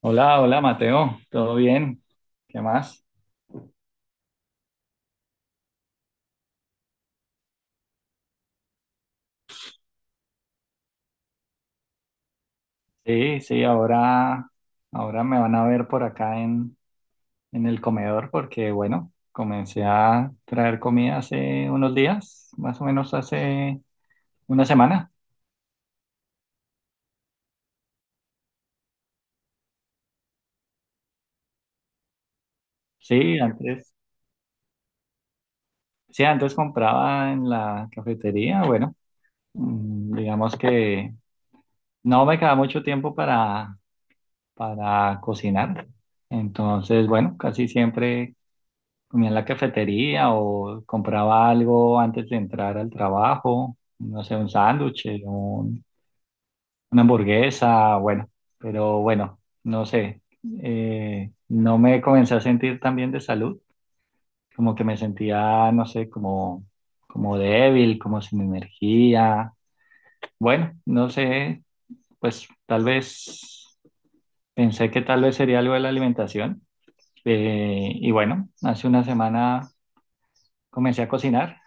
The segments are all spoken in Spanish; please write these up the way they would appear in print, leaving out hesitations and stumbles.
Hola, hola Mateo, ¿todo bien? ¿Qué más? Sí, sí, ahora me van a ver por acá en el comedor porque, bueno, comencé a traer comida hace unos días, más o menos hace una semana. Sí, antes, sí, antes compraba en la cafetería. Bueno, digamos que no me queda mucho tiempo para, cocinar. Entonces, bueno, casi siempre comía en la cafetería o compraba algo antes de entrar al trabajo, no sé, un sándwich, una hamburguesa. Bueno, pero bueno, no sé, no me comencé a sentir tan bien de salud, como que me sentía, no sé, como débil, como sin energía. Bueno, no sé, pues tal vez pensé que tal vez sería algo de la alimentación. Y bueno, hace una semana comencé a cocinar.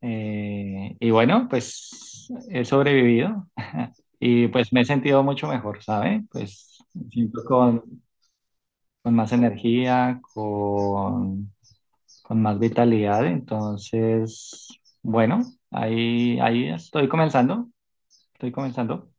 Y bueno, pues he sobrevivido y pues me he sentido mucho mejor, ¿sabe? Pues me siento con, más energía, con más vitalidad. Entonces, bueno, ahí estoy comenzando, estoy comenzando.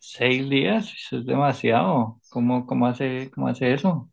6 días, eso es demasiado. ¿Cómo hace eso?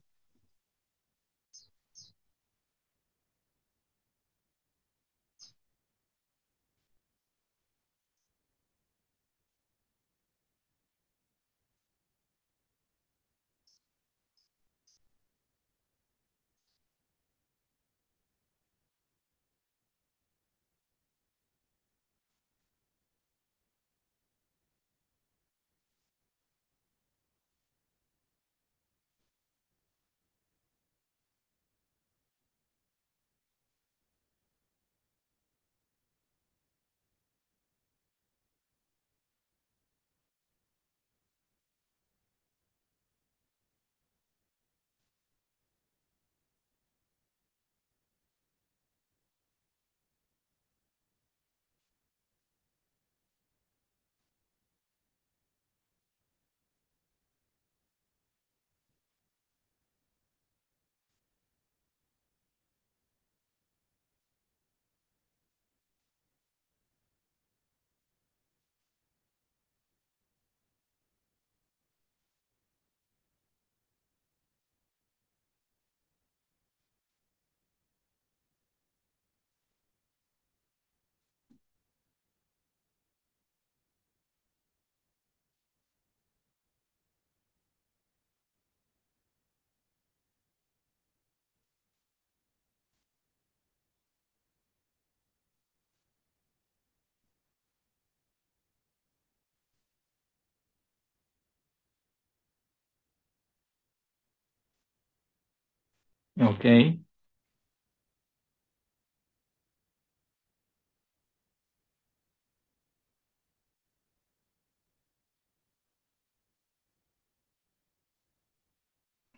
Ok,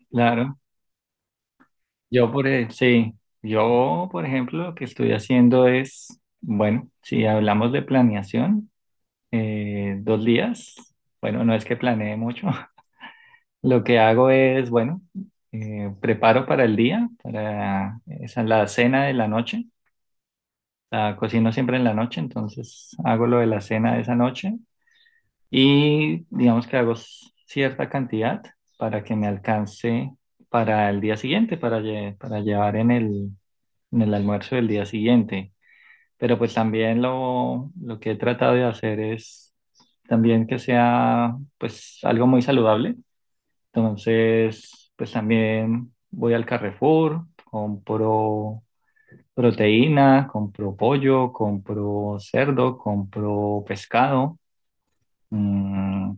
claro. Sí, yo por ejemplo, lo que estoy haciendo es, bueno, si hablamos de planeación, 2 días. Bueno, no es que planee mucho. Lo que hago es, bueno, preparo para el día, para esa, la cena de la noche. La cocino siempre en la noche, entonces hago lo de la cena de esa noche y digamos que hago cierta cantidad para que me alcance para el día siguiente, para, para llevar en el, almuerzo del día siguiente. Pero pues también lo que he tratado de hacer es también que sea pues algo muy saludable. Entonces, pues también voy al Carrefour, compro proteína, compro pollo, compro cerdo, compro pescado. Mm,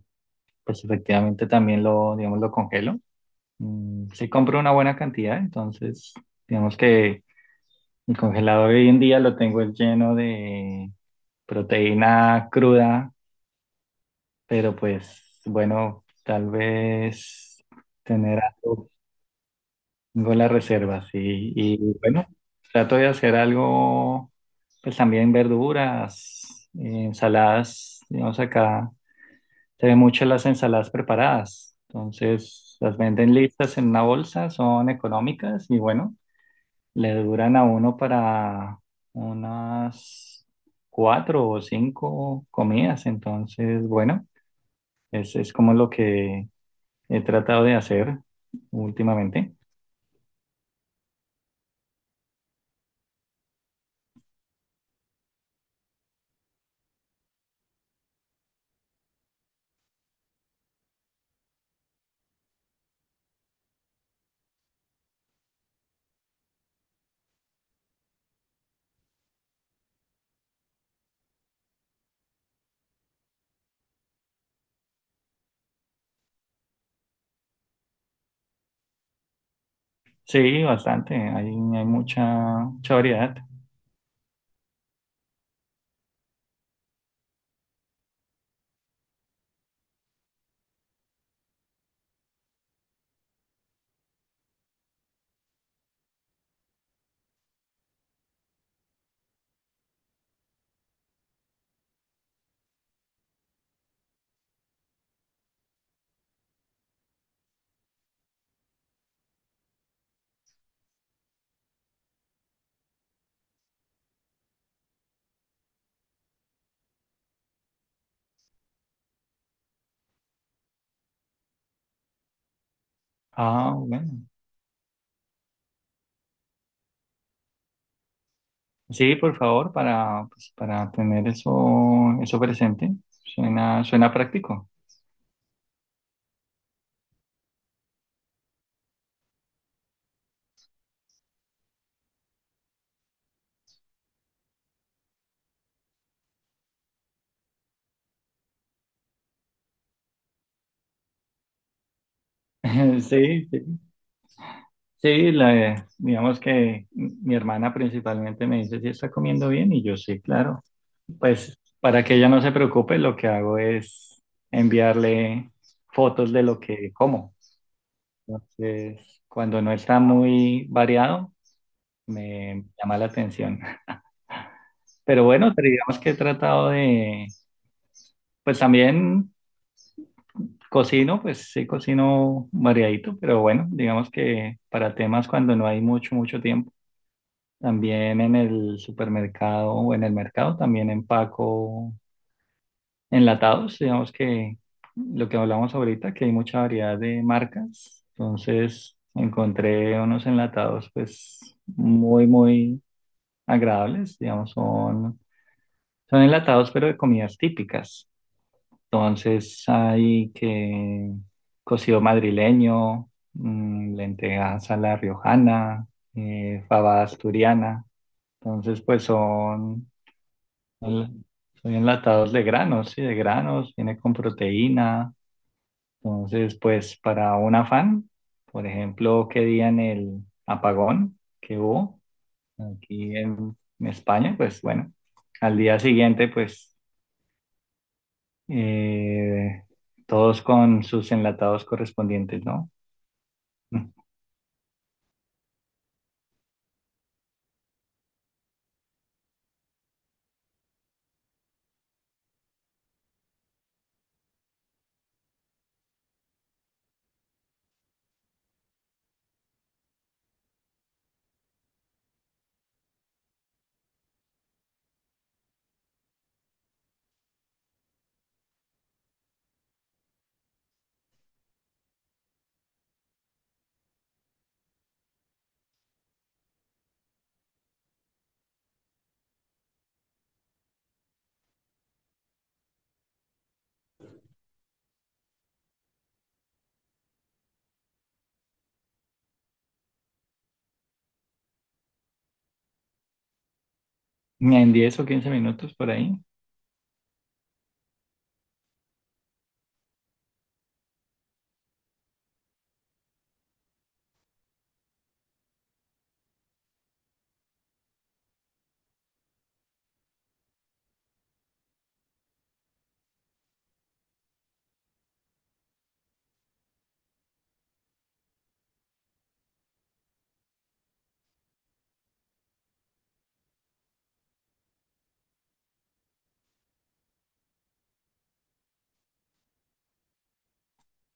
pues efectivamente también lo, digamos, lo congelo. Sí compro una buena cantidad. Entonces digamos que el congelador hoy en día lo tengo lleno de proteína cruda, pero pues bueno, tal vez tener algo, tengo las reservas y bueno, trato de hacer algo, pues también verduras, ensaladas. Digamos acá se ven mucho las ensaladas preparadas, entonces las venden listas en una bolsa, son económicas y bueno, le duran a uno para unas cuatro o cinco comidas, entonces bueno. Es como lo que he tratado de hacer últimamente. Sí, bastante. Hay mucha, mucha variedad. Ah, bueno. Sí, por favor, para, pues, para tener eso, eso presente. Suena, suena práctico. Sí, sí. Sí, digamos que mi hermana principalmente me dice si está comiendo bien y yo sí, claro. Pues para que ella no se preocupe, lo que hago es enviarle fotos de lo que como. Entonces, cuando no está muy variado, me llama la atención. Pero bueno, pero digamos que he tratado de, pues también cocino, pues sí cocino variadito, pero bueno, digamos que para temas cuando no hay mucho, mucho tiempo. También en el supermercado o en el mercado, también empaco enlatados. Digamos que lo que hablamos ahorita, que hay mucha variedad de marcas. Entonces, encontré unos enlatados, pues muy, muy agradables. Digamos, son, enlatados, pero de comidas típicas. Entonces hay que cocido madrileño, mm, lentejas a la riojana, fabada asturiana. Entonces, pues son, son enlatados de granos, sí, de granos, viene con proteína. Entonces, pues para un afán, por ejemplo, que día en el apagón que hubo, aquí en España, pues bueno, al día siguiente, pues eh, todos con sus enlatados correspondientes, ¿no? En 10 o 15 minutos por ahí.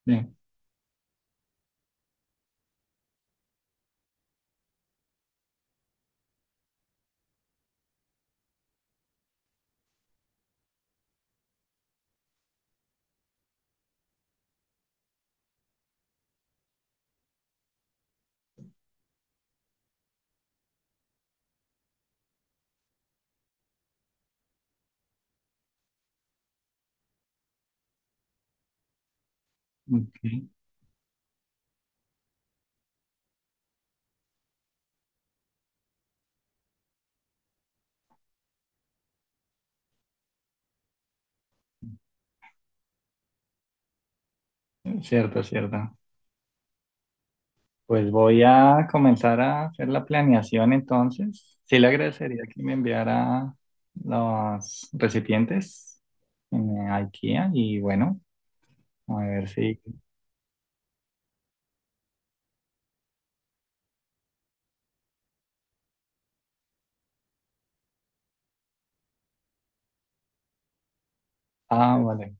Sí, ok. Cierto, cierto. Pues voy a comenzar a hacer la planeación entonces. Sí, le agradecería que me enviara los recipientes en IKEA y bueno, a ver si... Ah, vale.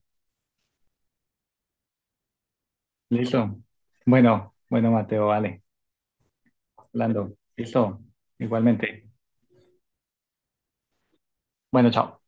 Listo. Bueno, bueno, Mateo, vale. Hablando. Listo. Igualmente. Bueno, chao.